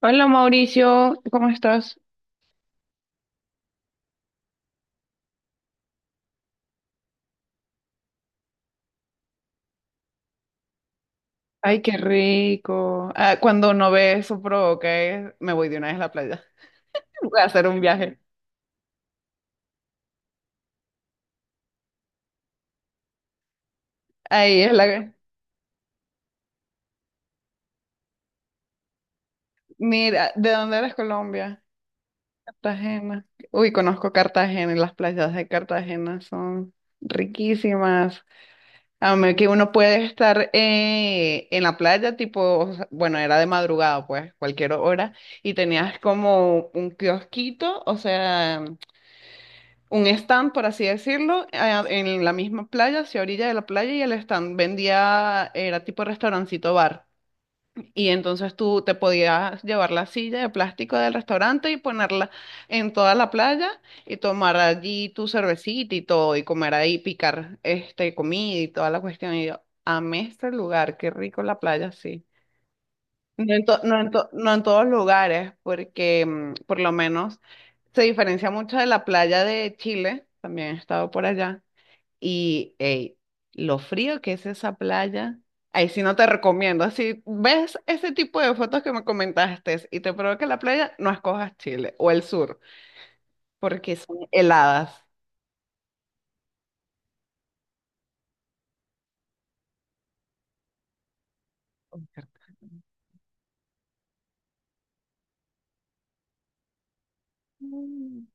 Hola Mauricio, ¿cómo estás? Ay, qué rico. Ah, cuando no ve eso provoca, me voy de una vez a la playa. Voy a hacer un viaje. Ahí es la... Mira, ¿de dónde eres? Colombia? Cartagena. Uy, conozco Cartagena y las playas de Cartagena son riquísimas. A mí que uno puede estar en la playa, tipo, o sea, bueno, era de madrugada, pues, cualquier hora, y tenías como un kiosquito, o sea... un stand, por así decirlo, en la misma playa, hacia orilla de la playa, y el stand vendía, era tipo restaurancito bar. Y entonces tú te podías llevar la silla de plástico del restaurante y ponerla en toda la playa y tomar allí tu cervecita y todo, y comer ahí, picar este, comida y toda la cuestión. Y yo, amé este lugar, qué rico la playa, sí. No en todos lugares, porque mm, por lo menos se diferencia mucho de la playa de Chile, también he estado por allá, y ey, lo frío que es esa playa, ahí sí no te recomiendo, si ves ese tipo de fotos que me comentaste y te provoca la playa, no escojas Chile o el sur, porque son heladas. Mm.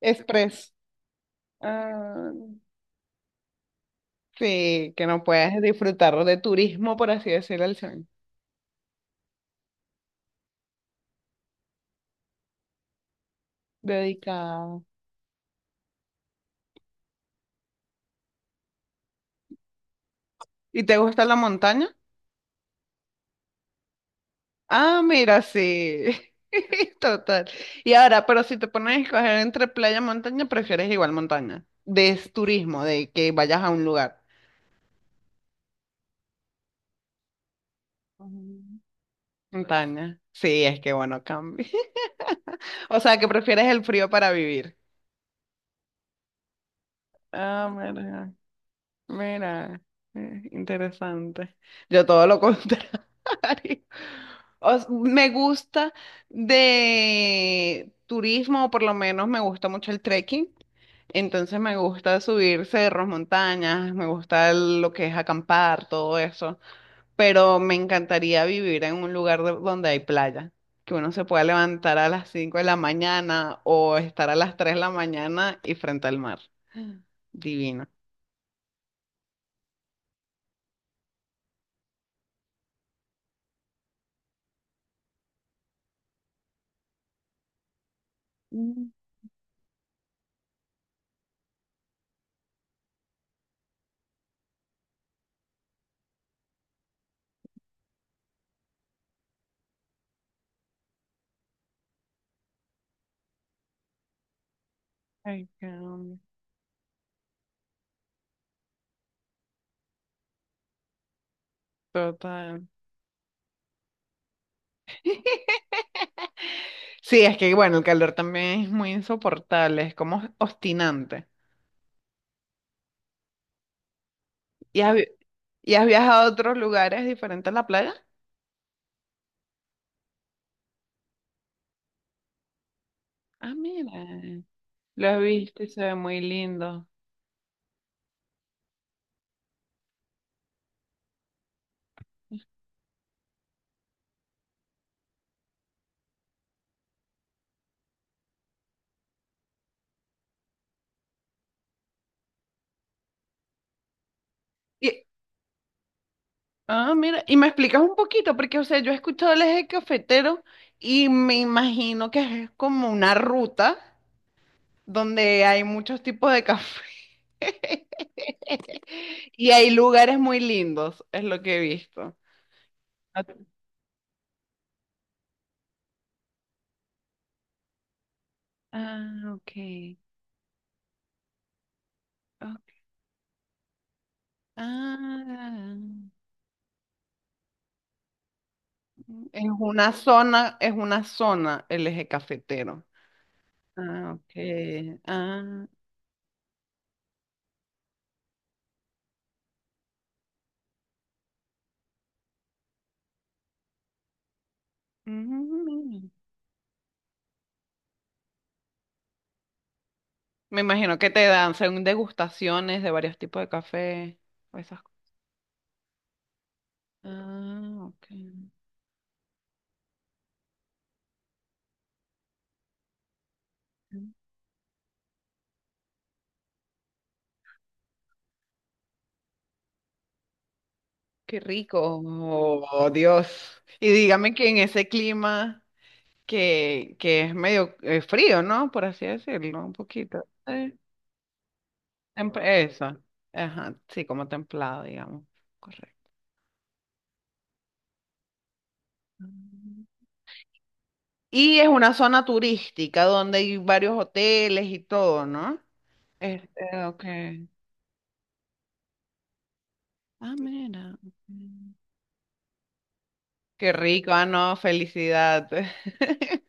Express. Ah, sí, que no puedes disfrutar de turismo, por así decirlo, al sur. Dedicada. ¿Y te gusta la montaña? Ah, mira, sí. Total. Y ahora, pero si te pones a escoger entre playa y montaña, prefieres igual montaña. De es turismo, de que vayas a un lugar. Mm. Montaña. Sí, es que bueno, cambia. O sea, que prefieres el frío para vivir. Ah, mira. Mira, interesante. Yo todo lo contrario. Me gusta de turismo, o por lo menos me gusta mucho el trekking. Entonces me gusta subir cerros, montañas, me gusta lo que es acampar, todo eso. Pero me encantaría vivir en un lugar donde hay playa, que uno se pueda levantar a las 5 de la mañana o estar a las 3 de la mañana y frente al mar. Divino. Ay, caramba. Total. Sí, es que bueno, el calor también es muy insoportable, es como obstinante. ¿Y has, vi- ¿Y has viajado a otros lugares diferentes a la playa? Ah, mira, lo he visto y se ve muy lindo. Y, ah, mira, y me explicas un poquito, porque o sea, yo he escuchado el eje cafetero y me imagino que es como una ruta donde hay muchos tipos de café y hay lugares muy lindos, es lo que he visto. Ah, ah, ok. Ok. Ah, es una zona el eje cafetero. Ah, ok. Ah, mm. Me imagino que te dan según degustaciones de varios tipos de café o esas cosas. Ah, ok. Qué rico. Oh, Dios. Y dígame que en ese clima que es medio frío, ¿no? Por así decirlo, un poquito. Sí. Eso. Ajá, sí, como templado, digamos. Correcto. Mm. Y es una zona turística donde hay varios hoteles y todo, ¿no? Este, ok. Ah, mira. Ok. Qué rico, ah, no, felicidad.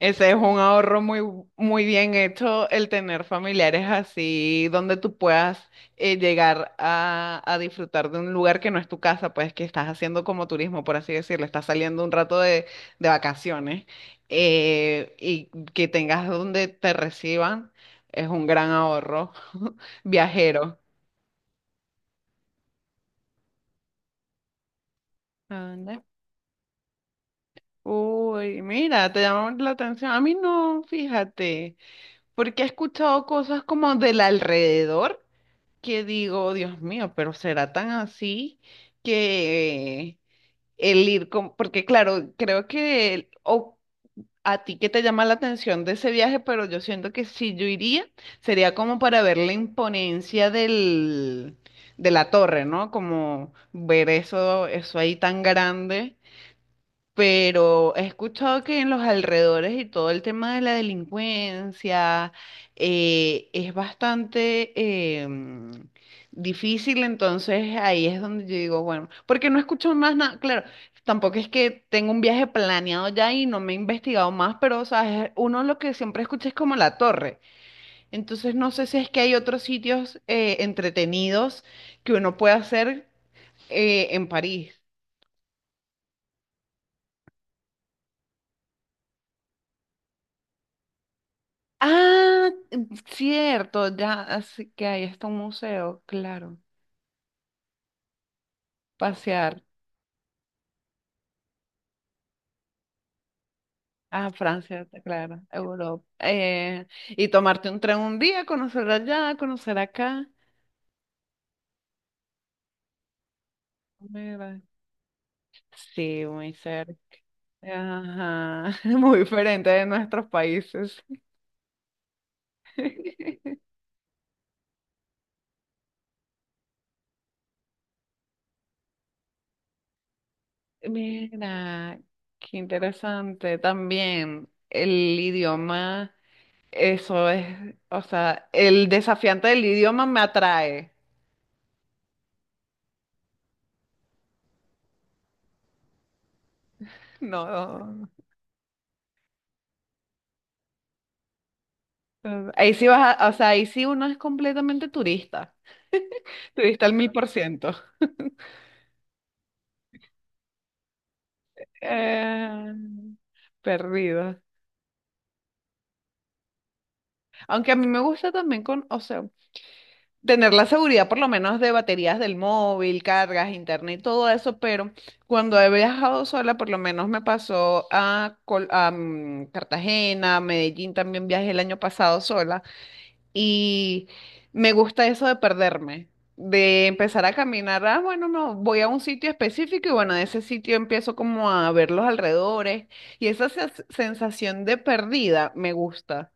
Ese es un ahorro muy, muy bien hecho, el tener familiares así, donde tú puedas llegar a disfrutar de un lugar que no es tu casa, pues que estás haciendo como turismo, por así decirlo, estás saliendo un rato de vacaciones y que tengas donde te reciban, es un gran ahorro viajero. Anda. Uy, mira, te llamó la atención. A mí no, fíjate, porque he escuchado cosas como del alrededor que digo, Dios mío, pero será tan así que el ir con, porque claro, creo que o a ti que te llama la atención de ese viaje, pero yo siento que si yo iría, sería como para ver la imponencia del, de la torre, ¿no? Como ver eso, eso ahí tan grande, pero he escuchado que en los alrededores y todo el tema de la delincuencia es bastante em, difícil, entonces ahí es donde yo digo, bueno, porque no escucho más nada, claro, tampoco es que tengo un viaje planeado ya y no me he investigado más, pero sabes uno lo que siempre escucha es como la torre, entonces no sé si es que hay otros sitios entretenidos que uno puede hacer en París. Ah, mm, cierto, ya, así que ahí está un museo, claro. Pasear a Francia, está claro, Europa. Y tomarte un tren un día, conocer allá, conocer acá. Mira. Sí, muy cerca. Ajá, muy diferente de nuestros países. Mira, qué interesante. También el idioma, eso es, o sea, el desafiante del idioma me atrae. No, ahí sí vas a, o sea, ahí sí uno es completamente turista, turista al 1000%. Eh, perdido. Aunque a mí me gusta también con, o sea, tener la seguridad por lo menos de baterías del móvil, cargas, internet y todo eso, pero cuando he viajado sola, por lo menos me pasó a, a, mm, Cartagena, Medellín, también viajé el año pasado sola. Y me gusta eso de perderme, de empezar a caminar. Ah, bueno, no, voy a un sitio específico y bueno, de ese sitio empiezo como a ver los alrededores. Y esa sensación de perdida me gusta,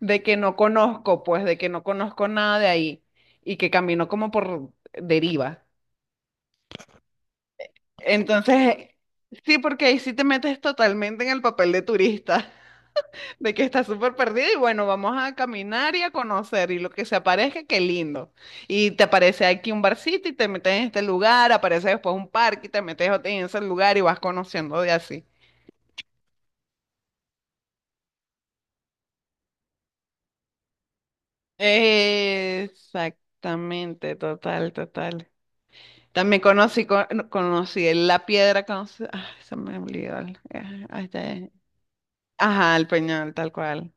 de que no conozco, pues, de que no conozco nada de ahí y que camino como por deriva. Entonces, sí, porque ahí sí te metes totalmente en el papel de turista. De que está súper perdida y bueno, vamos a caminar y a conocer y lo que se aparezca, qué lindo. Y te aparece aquí un barcito y te metes en este lugar, aparece después un parque y te metes en ese lugar y vas conociendo de así. Exactamente, total, total. También conocí, no, conocí la piedra, conocí, ay, se me olvidó. Ay, ya- Ajá, el peñón, tal cual.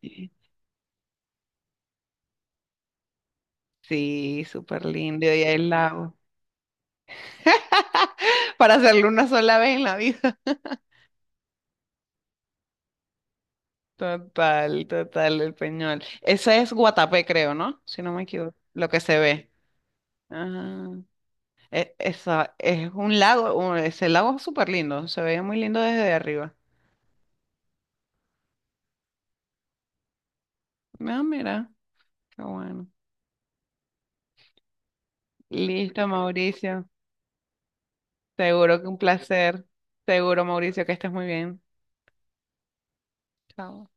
Sí, sí, súper lindo y el lago. Para hacerlo una sola vez en la vida. Total, total, el Peñol. Ese es Guatapé, creo, ¿no? Si no me equivoco, lo que se ve. Ah, esa, es un lago, ese lago es súper lindo, se veía muy lindo desde arriba. Ah, mira, qué bueno. Listo, Mauricio. Seguro que un placer. Seguro, Mauricio, que estés muy bien. Chao.